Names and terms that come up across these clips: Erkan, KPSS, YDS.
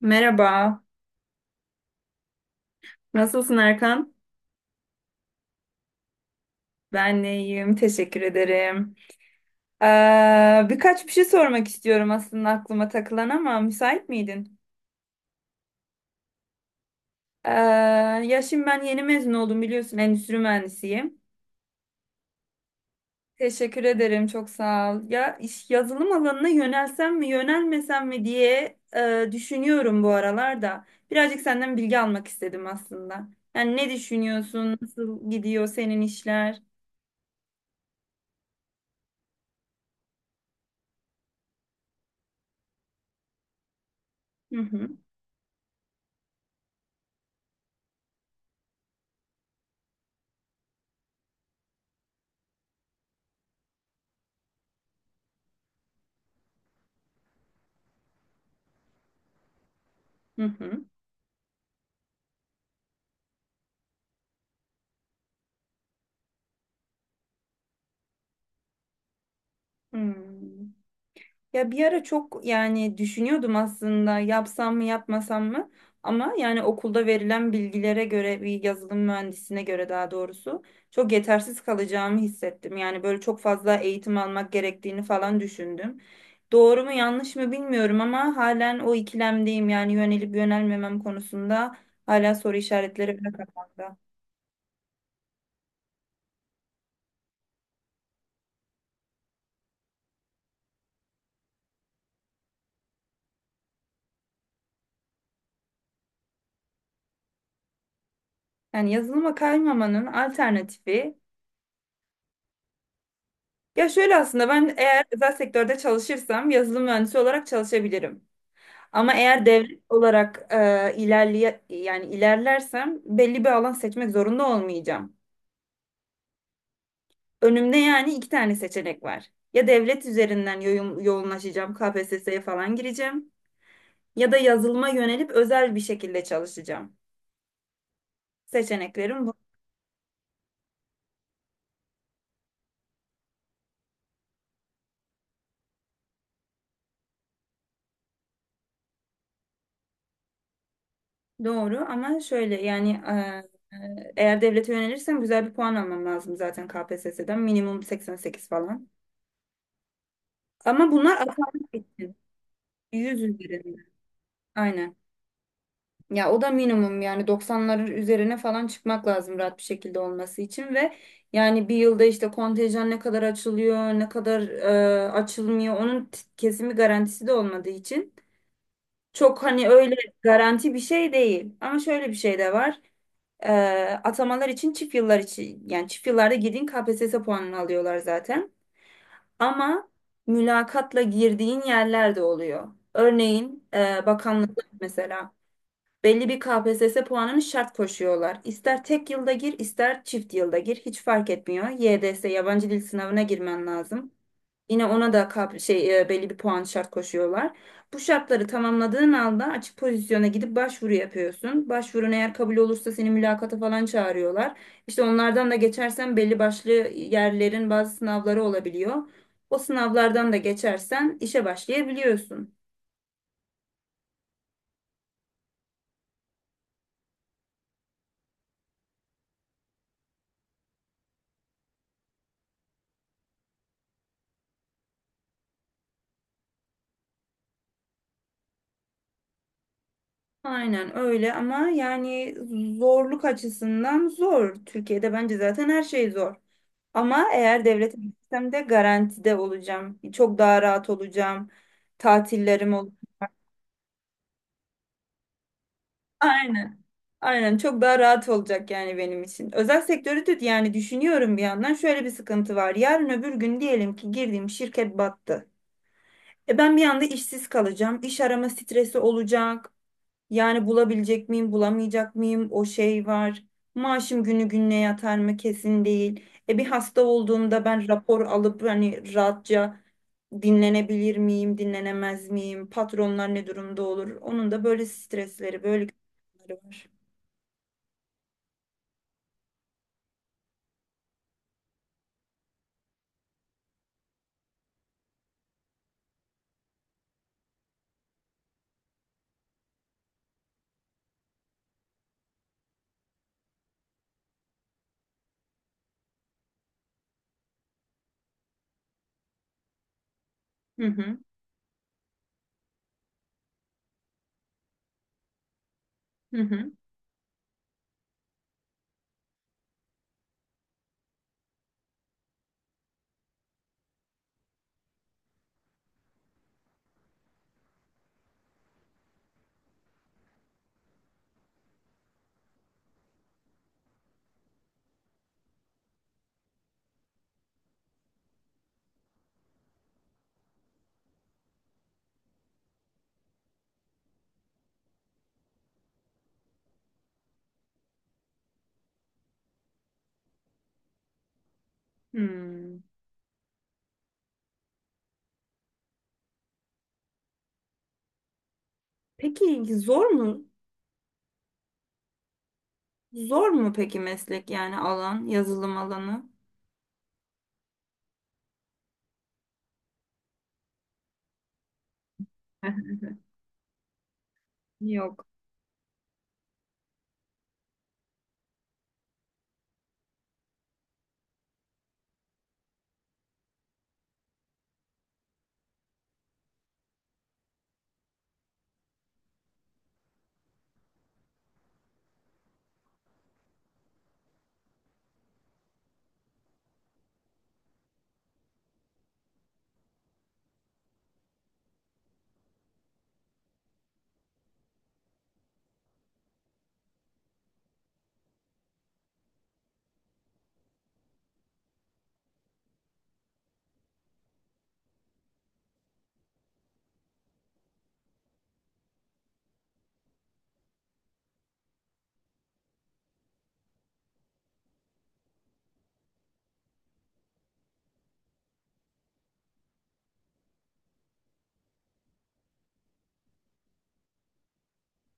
Merhaba, nasılsın Erkan? Ben de iyiyim, teşekkür ederim. Birkaç bir şey sormak istiyorum aslında aklıma takılan ama müsait miydin? Ee, Ya şimdi ben yeni mezun oldum biliyorsun, endüstri mühendisiyim. Teşekkür ederim, çok sağ ol. Ya iş yazılım alanına yönelsem mi, yönelmesem mi diye düşünüyorum bu aralarda. Birazcık senden bilgi almak istedim aslında. Yani ne düşünüyorsun, nasıl gidiyor senin işler? Hı hı, hı hı. Hmm. Ya bir ara çok yani düşünüyordum aslında yapsam mı yapmasam mı ama yani okulda verilen bilgilere göre bir yazılım mühendisine göre daha doğrusu çok yetersiz kalacağımı hissettim. Yani böyle çok fazla eğitim almak gerektiğini falan düşündüm. Doğru mu yanlış mı bilmiyorum ama halen o ikilemdeyim yani yönelip yönelmemem konusunda hala soru işaretleri bile kafamda. Yani yazılıma kaymamanın alternatifi ya şöyle aslında ben eğer özel sektörde çalışırsam yazılım mühendisi olarak çalışabilirim. Ama eğer devlet olarak ilerleye yani ilerlersem belli bir alan seçmek zorunda olmayacağım. Önümde yani iki tane seçenek var. Ya devlet üzerinden yoğunlaşacağım, KPSS'ye falan gireceğim ya da yazılıma yönelip özel bir şekilde çalışacağım. Seçeneklerim bu. Doğru ama şöyle yani eğer devlete yönelirsem güzel bir puan almam lazım zaten KPSS'den minimum 88 falan. Ama bunlar atanmak için 100 üzerinde. Aynen. Ya o da minimum yani 90'ların üzerine falan çıkmak lazım rahat bir şekilde olması için ve yani bir yılda işte kontenjan ne kadar açılıyor, ne kadar açılmıyor onun kesimi garantisi de olmadığı için çok hani öyle garanti bir şey değil. Ama şöyle bir şey de var. E, Atamalar için çift yıllar için yani çift yıllarda girdiğin KPSS puanını alıyorlar zaten. Ama mülakatla girdiğin yerler de oluyor. Örneğin bakanlıklar mesela belli bir KPSS puanını şart koşuyorlar. İster tek yılda gir, ister çift yılda gir, hiç fark etmiyor. YDS yabancı dil sınavına girmen lazım. Yine ona da belli bir puan şart koşuyorlar. Bu şartları tamamladığın anda açık pozisyona gidip başvuru yapıyorsun. Başvurun eğer kabul olursa seni mülakata falan çağırıyorlar. İşte onlardan da geçersen belli başlı yerlerin bazı sınavları olabiliyor. O sınavlardan da geçersen işe başlayabiliyorsun. Aynen öyle ama yani zorluk açısından zor. Türkiye'de bence zaten her şey zor. Ama eğer devlete gitsem de garantide olacağım. Çok daha rahat olacağım. Tatillerim olur. Aynen. Aynen çok daha rahat olacak yani benim için. Özel sektörü de yani düşünüyorum bir yandan şöyle bir sıkıntı var. Yarın öbür gün diyelim ki girdiğim şirket battı. E ben bir anda işsiz kalacağım. İş arama stresi olacak. Yani bulabilecek miyim, bulamayacak mıyım? O şey var. Maaşım günü gününe yatar mı kesin değil. E bir hasta olduğumda ben rapor alıp hani rahatça dinlenebilir miyim, dinlenemez miyim? Patronlar ne durumda olur? Onun da böyle stresleri, böyle gündemleri var. Hı hı. Hı hı. Hmm. Peki zor mu? Zor mu peki meslek yani alan, yazılım alanı? Yok.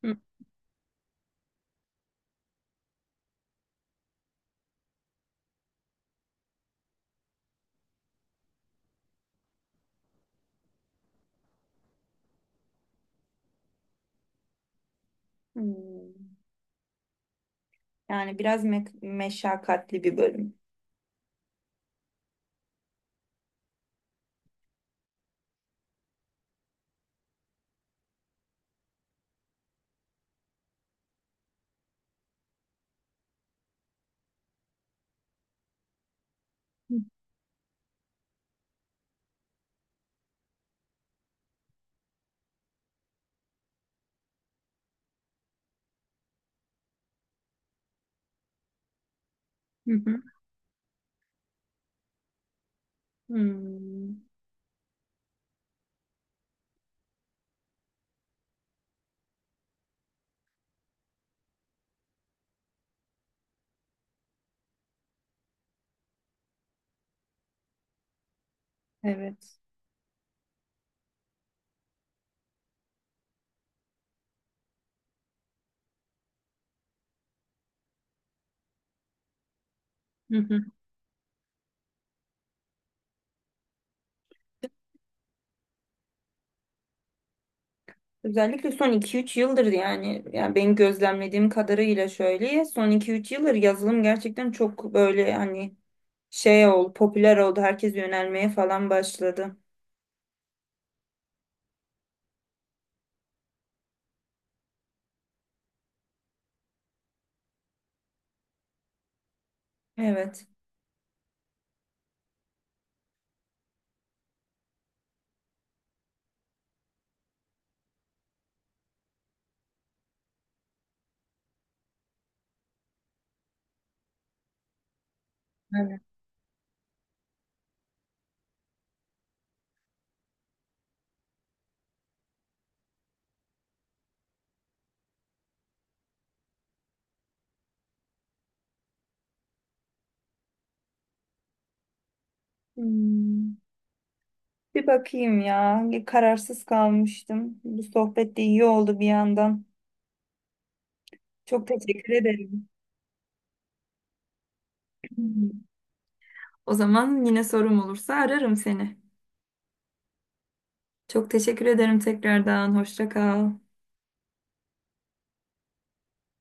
Hı. Hmm. Yani biraz meşakkatli bir bölüm. Hı hı. Hmm, evet. Hı hı. Özellikle son 2-3 yıldır yani benim gözlemlediğim kadarıyla şöyle son 2-3 yıldır yazılım gerçekten çok böyle hani şey oldu, popüler oldu, herkes yönelmeye falan başladı. Evet. Evet. Hmm, bir bakayım ya, kararsız kalmıştım. Bu sohbet de iyi oldu bir yandan. Çok teşekkür ederim. Hmm. O zaman yine sorum olursa ararım seni. Çok teşekkür ederim tekrardan. Hoşça kal.